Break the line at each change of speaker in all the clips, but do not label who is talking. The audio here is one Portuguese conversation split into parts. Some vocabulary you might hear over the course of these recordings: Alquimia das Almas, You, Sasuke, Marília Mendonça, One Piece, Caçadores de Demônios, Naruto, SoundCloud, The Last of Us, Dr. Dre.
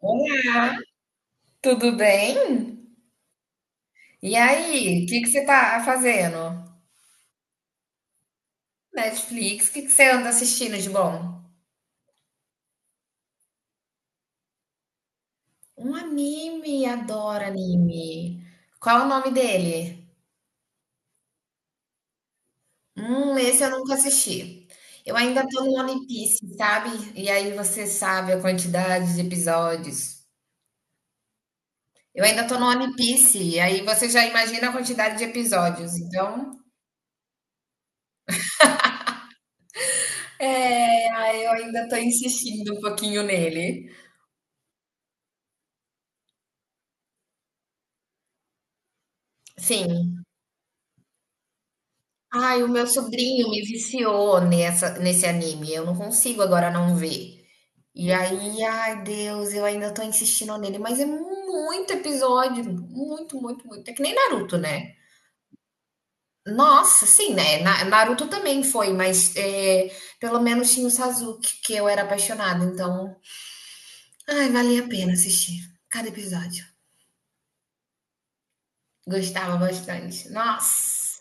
Oi, tudo bem? E aí, o que que você tá fazendo? Netflix, o que que você anda assistindo de bom? Um anime, adoro anime. Qual é o nome dele? Esse eu nunca assisti. Eu ainda tô no One Piece, sabe? E aí você sabe a quantidade de episódios. Eu ainda tô no One Piece, e aí você já imagina a quantidade de episódios. Então, é, aí eu ainda tô insistindo um pouquinho nele. Sim, ai, o meu sobrinho me viciou nesse anime. Eu não consigo agora não ver. E aí, ai, Deus, eu ainda tô insistindo nele, mas é muito episódio, muito, muito, muito. É que nem Naruto, né? Nossa, sim, né? Naruto também foi, mas é, pelo menos tinha o Sasuke, que eu era apaixonada, então, ai, valia a pena assistir cada episódio. Gostava bastante. Nossa.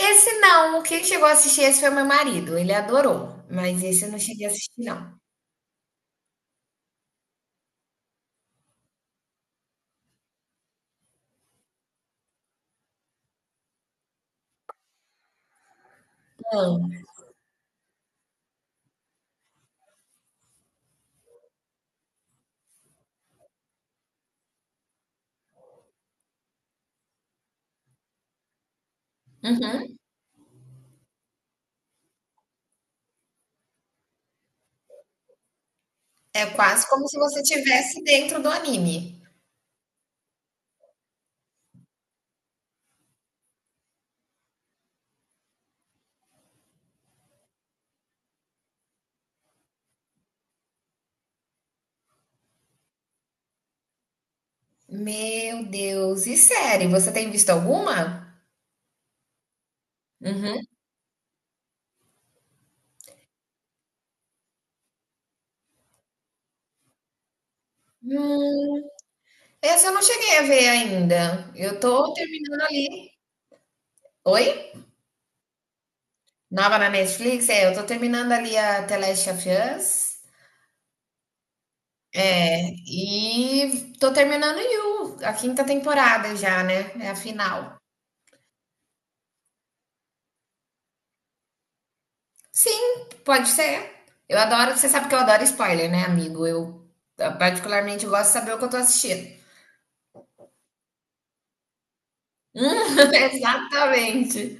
Esse não, quem chegou a assistir esse foi meu marido, ele adorou, mas esse eu não cheguei a assistir não. Hã. Uhum. É quase como se você estivesse dentro do anime. Meu Deus, e série, você tem visto alguma? Uhum. Hum, essa eu não cheguei a ver ainda, eu tô terminando ali. Oi? Nova na Netflix? É, eu tô terminando ali a The Last of Us, é, e tô terminando You, a quinta temporada já, né, é a final. Sim, pode ser. Eu adoro, você sabe que eu adoro spoiler, né, amigo? Eu, ah, particularmente gosto de saber o que eu tô assistindo. Hum, exatamente.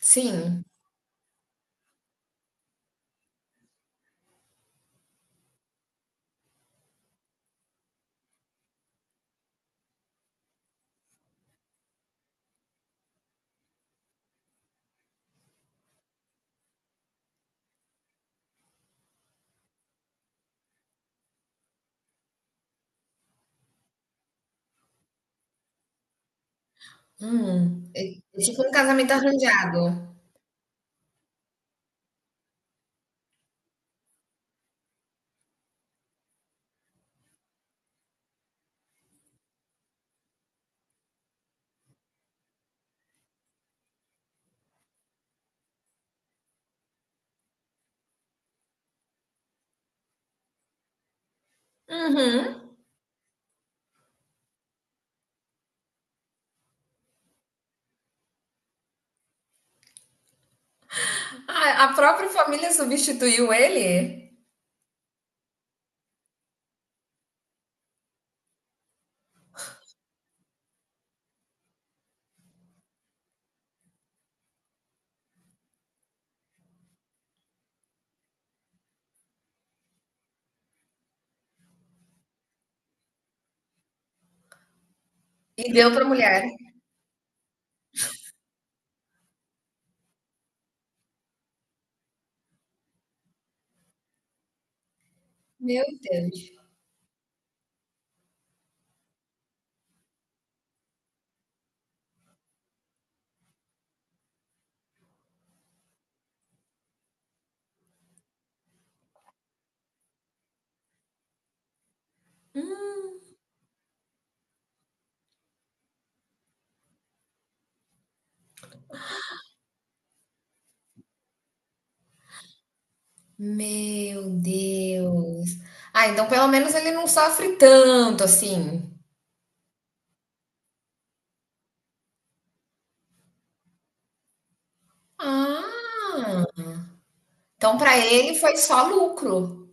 Sim. Hum. É tipo um casamento arranjado. Uhum. A própria família substituiu ele e deu pra mulher. Meu Deus. Meu Deus. Ah, então pelo menos ele não sofre tanto assim. Ah, então pra ele foi só lucro.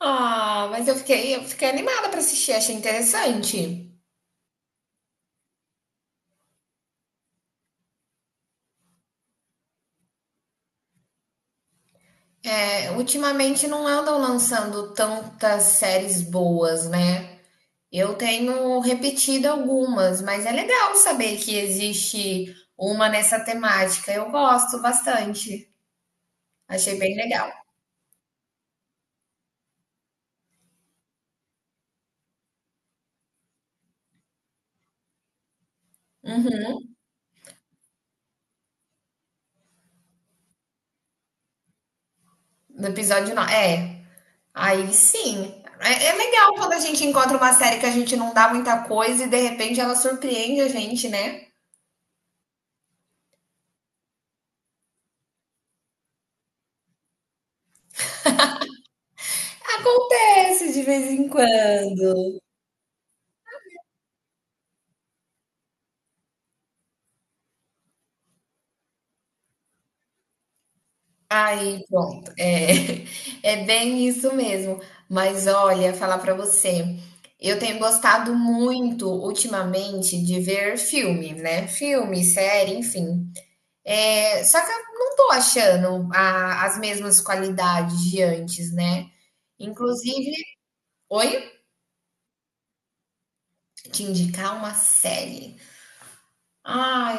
Ah, mas eu fiquei animada pra assistir, achei interessante. É, ultimamente não andam lançando tantas séries boas, né? Eu tenho repetido algumas, mas é legal saber que existe uma nessa temática. Eu gosto bastante. Achei bem legal. Uhum. No episódio 9. É, aí sim. É, é legal quando a gente encontra uma série que a gente não dá muita coisa e de repente ela surpreende a gente, né? Acontece de vez em quando. Aí, pronto. É, é bem isso mesmo. Mas olha, falar pra você, eu tenho gostado muito ultimamente de ver filme, né? Filme, série, enfim. É, só que eu não tô achando as mesmas qualidades de antes, né? Inclusive, oi? Te indicar uma série. Ai,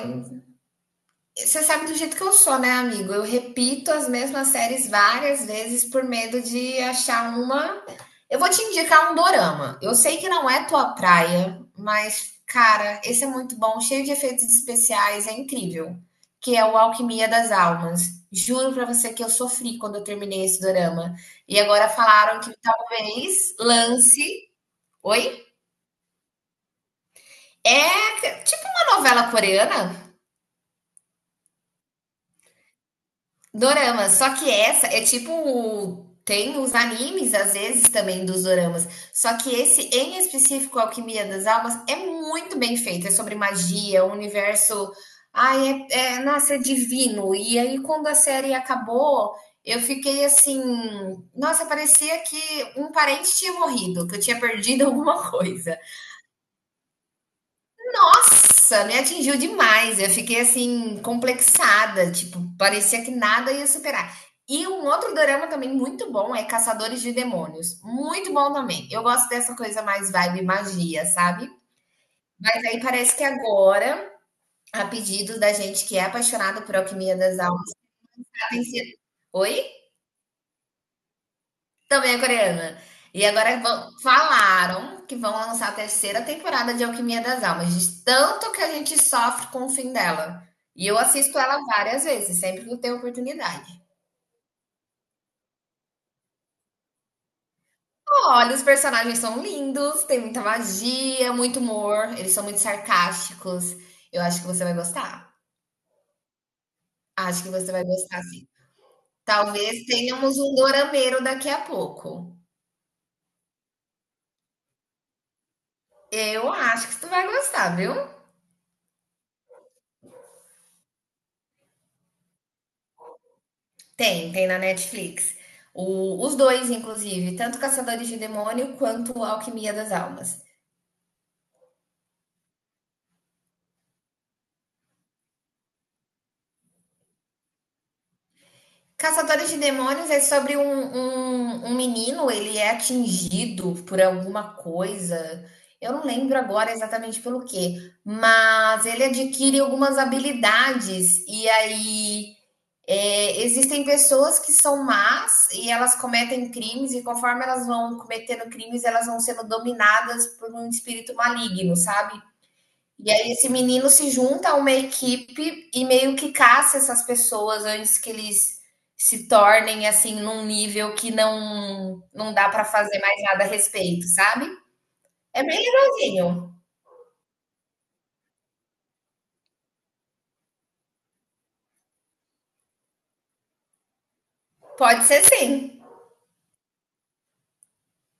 você sabe do jeito que eu sou, né, amigo? Eu repito as mesmas séries várias vezes por medo de achar uma. Eu vou te indicar um dorama. Eu sei que não é tua praia, mas, cara, esse é muito bom, cheio de efeitos especiais, é incrível. Que é o Alquimia das Almas. Juro pra você que eu sofri quando eu terminei esse dorama. E agora falaram que talvez lance. Oi? É tipo uma novela coreana. Dorama, só que essa é tipo. Tem os animes, às vezes, também dos doramas. Só que esse, em específico, Alquimia das Almas, é muito bem feito. É sobre magia, o universo. Ai, é, é, nossa, é divino. E aí, quando a série acabou, eu fiquei assim. Nossa, parecia que um parente tinha morrido, que eu tinha perdido alguma coisa. Nossa, me atingiu demais. Eu fiquei assim, complexada. Tipo, parecia que nada ia superar. E um outro dorama também muito bom é Caçadores de Demônios. Muito bom também. Eu gosto dessa coisa mais vibe magia, sabe? Mas aí parece que agora, a pedido da gente que é apaixonado por Alquimia das Almas, tá tem. Oi? Também é coreana. E agora falaram que vão lançar a 3ª temporada de Alquimia das Almas, de tanto que a gente sofre com o fim dela. E eu assisto ela várias vezes, sempre que eu tenho oportunidade. Olha, os personagens são lindos, tem muita magia, muito humor, eles são muito sarcásticos. Eu acho que você vai gostar. Acho que você vai gostar, sim. Talvez tenhamos um dorameiro daqui a pouco. Eu acho que tu vai gostar, viu? Tem, tem na Netflix. Os dois, inclusive, tanto Caçadores de Demônio quanto Alquimia das Almas. Caçadores de Demônios é sobre um, um, um menino, ele é atingido por alguma coisa. Eu não lembro agora exatamente pelo quê, mas ele adquire algumas habilidades. E aí é, existem pessoas que são más e elas cometem crimes, e conforme elas vão cometendo crimes, elas vão sendo dominadas por um espírito maligno, sabe? E aí esse menino se junta a uma equipe e meio que caça essas pessoas antes que eles se tornem assim num nível que não dá pra fazer mais nada a respeito, sabe? É bem legalzinho. Pode ser sim.